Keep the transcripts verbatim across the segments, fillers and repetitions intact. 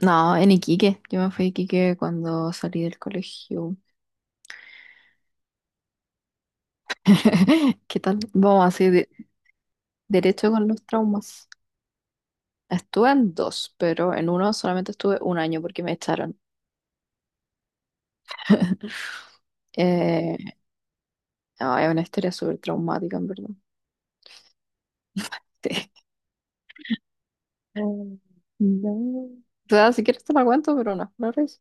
No, en Iquique. Yo me fui a Iquique cuando salí del colegio. ¿Qué tal? Vamos así, de- derecho con los traumas. Estuve en dos, pero en uno solamente estuve un año porque me echaron. Eh, no, es una historia súper traumática, en verdad. Sí. Mm. No. O sea, si quieres te la cuento, pero no, no res-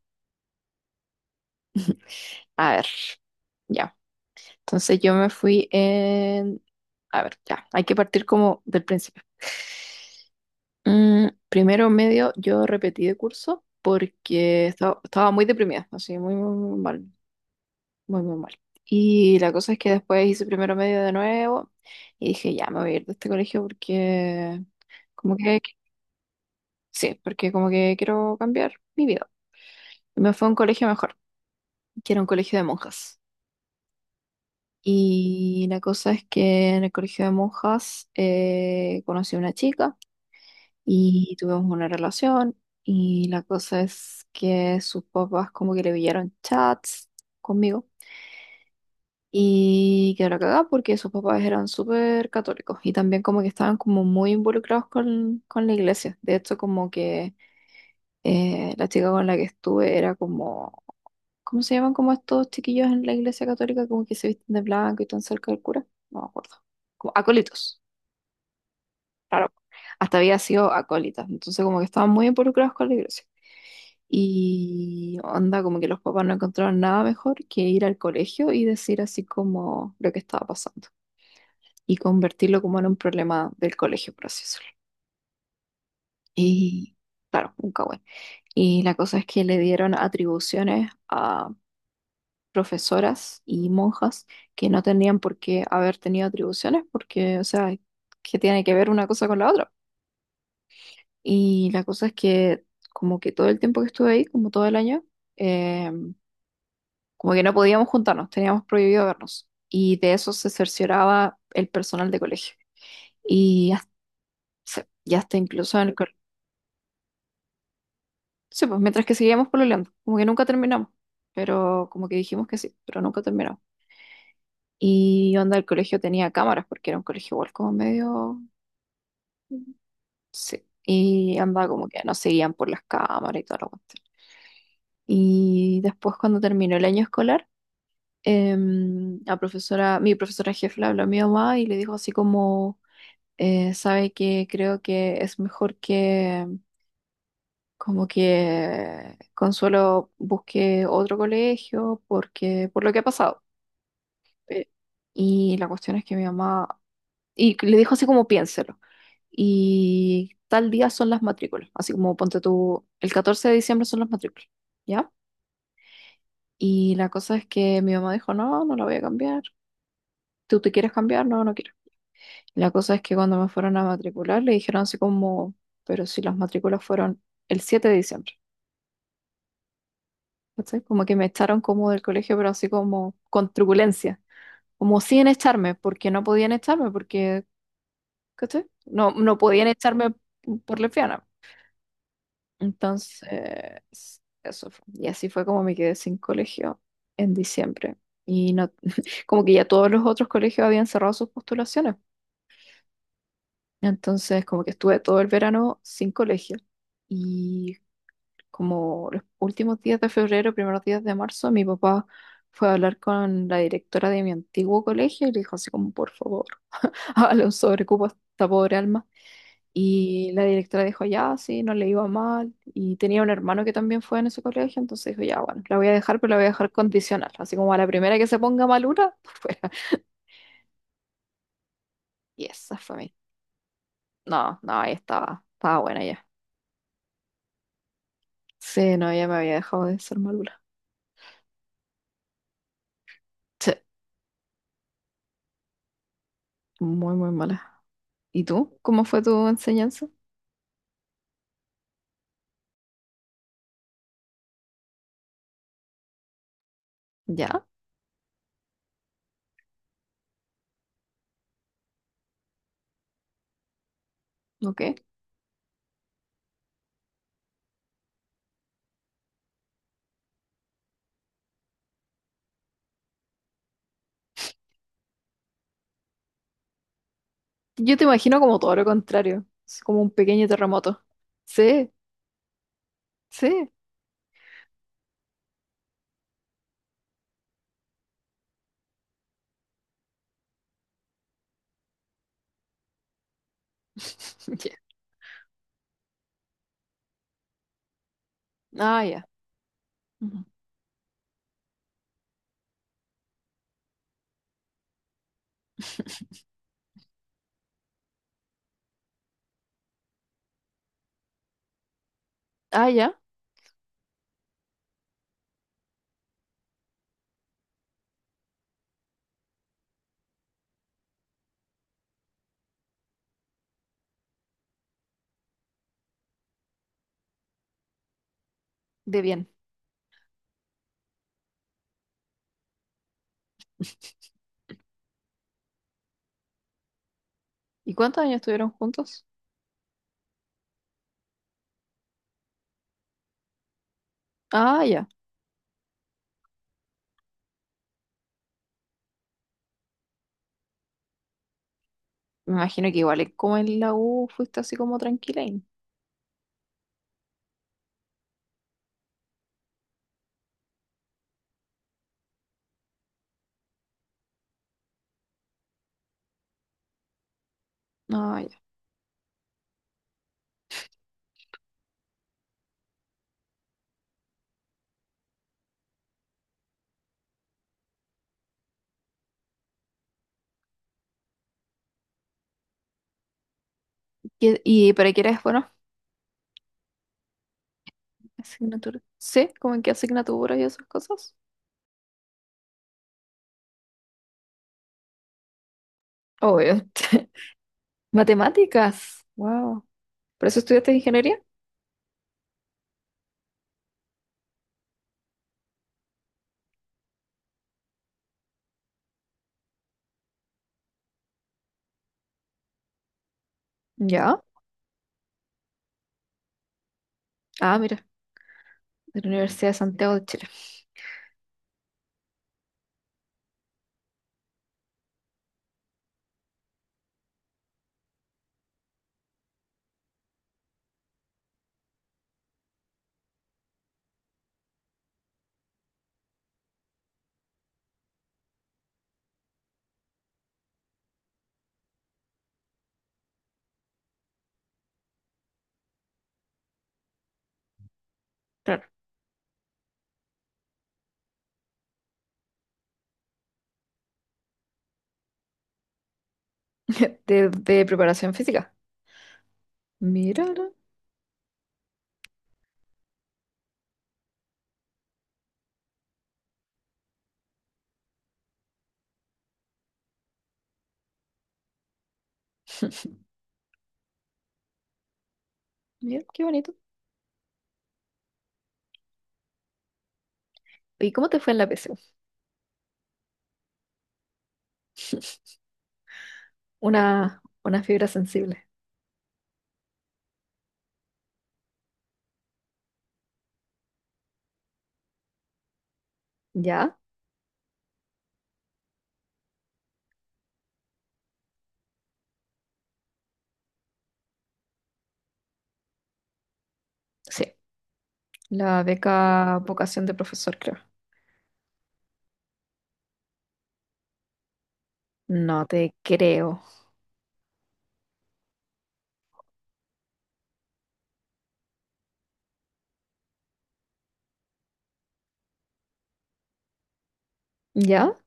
A ver, ya. Entonces yo me fui en... A ver, ya. Hay que partir como del principio. Mm, primero medio yo repetí de curso porque estaba, estaba muy deprimida, así muy, muy, muy mal, muy, muy mal. Y la cosa es que después hice primero medio de nuevo y dije, ya me voy a ir de este colegio porque como que, sí, porque como que quiero cambiar mi vida. Y me fue a un colegio mejor, que era un colegio de monjas. Y la cosa es que en el colegio de monjas eh, conocí a una chica y tuvimos una relación y la cosa es que sus papás como que le pillaron chats conmigo y quedó la cagada porque sus papás eran súper católicos y también como que estaban como muy involucrados con, con la iglesia. De hecho como que eh, la chica con la que estuve era como, ¿cómo se llaman como estos chiquillos en la iglesia católica como que se visten de blanco y tan cerca del cura? No me acuerdo. Como acólitos. Claro, hasta había sido acólita, entonces como que estaban muy involucrados con la iglesia. Y onda, como que los papás no encontraron nada mejor que ir al colegio y decir así como lo que estaba pasando y convertirlo como en un problema del colegio, por así decirlo. Y claro, un cagüen. Y la cosa es que le dieron atribuciones a profesoras y monjas que no tenían por qué haber tenido atribuciones porque, o sea, ¿qué tiene que ver una cosa con la otra? Y la cosa es que como que todo el tiempo que estuve ahí, como todo el año, eh, como que no podíamos juntarnos, teníamos prohibido vernos. Y de eso se cercioraba el personal de colegio. Y hasta, y hasta incluso en el colegio. Sí, pues mientras que seguíamos pololeando, como que nunca terminamos, pero como que dijimos que sí, pero nunca terminamos. Y onda, el colegio tenía cámaras porque era un colegio igual como medio... Sí, y andaba como que nos seguían por las cámaras y todo lo cuestión. Y después cuando terminó el año escolar, em, la profesora, mi profesora jefe le habló a mi mamá y le dijo así como, eh, sabe que creo que es mejor que como que Consuelo busque otro colegio porque por lo que ha pasado. Eh, y la cuestión es que mi mamá, y le dijo así como piénselo. Y tal día son las matrículas, así como ponte tú, el catorce de diciembre son las matrículas, ¿ya? Y la cosa es que mi mamá dijo, no, no la voy a cambiar. ¿Tú te quieres cambiar? No, no quiero. La cosa es que cuando me fueron a matricular le dijeron así como, pero si las matrículas fueron el siete de diciembre, ¿cachai? Como que me echaron como del colegio, pero así como con truculencia, como sin echarme, porque no podían echarme, porque, ¿cachai? No, no podían echarme por lesbiana. Entonces, eso fue. Y así fue como me quedé sin colegio en diciembre. Y no, como que ya todos los otros colegios habían cerrado sus postulaciones. Entonces, como que estuve todo el verano sin colegio. Y como los últimos días de febrero, primeros días de marzo, mi papá fue a hablar con la directora de mi antiguo colegio y le dijo así como, por favor, hágale un sobrecupo a esta pobre alma. Y la directora dijo, ya, sí, no le iba mal. Y tenía un hermano que también fue en ese colegio, entonces dijo, ya, bueno, la voy a dejar, pero la voy a dejar condicional. Así como a la primera que se ponga malura, por fuera. Y esa fue mi... No, no, ahí estaba, estaba buena ya. Sí, no, ya me había dejado de ser malura. Sí, muy, muy mala. ¿Y tú? ¿Cómo fue tu enseñanza? Ya, ok. Yo te imagino como todo lo contrario, es como un pequeño terremoto. Sí, sí. Ya. Ah, ya. Ujú. Ah, ya, de bien. ¿Y cuántos años estuvieron juntos? Ah, ya. Me imagino que igual eh, como en la U fuiste así como tranquila. Y- Ah, ya. ¿Qué- ¿Y para qué eres bueno? Asignatura. Sí, como en qué asignaturas y esas cosas. Obvio. Matemáticas. Wow. ¿Por eso estudiaste ingeniería? Ya. Ah, mira, de la Universidad de Santiago de Chile. Claro. De, de preparación física. Míralo, mira, qué bonito. ¿Y cómo te fue en la P S U? Una, una fibra sensible. ¿Ya? Sí. La beca vocación de profesor, creo. No te creo. ¿Ya?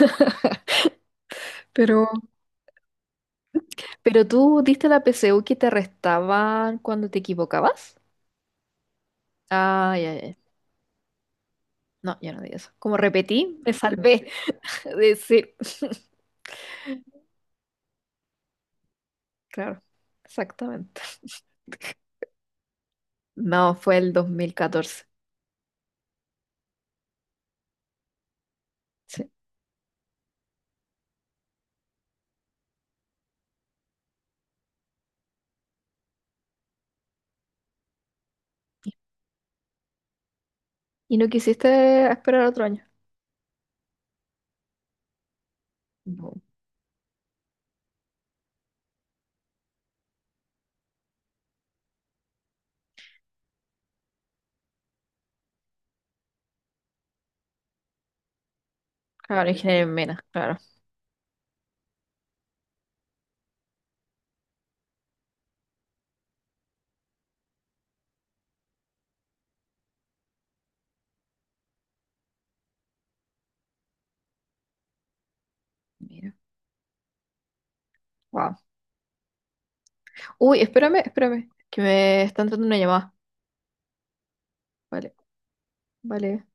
Pero, pero tú diste la P S U que te restaban cuando te equivocabas. Ah, ya, ya. Ya. No, ya no di eso. Como repetí, me salvé de decir. Claro, exactamente. No, fue el dos mil catorce. Sí. ¿Y no quisiste esperar otro año? Ujú. Claro, ingeniero en minas, claro. Mira. Wow. Uy, espérame, espérame, que me está entrando una llamada. Vale, vale.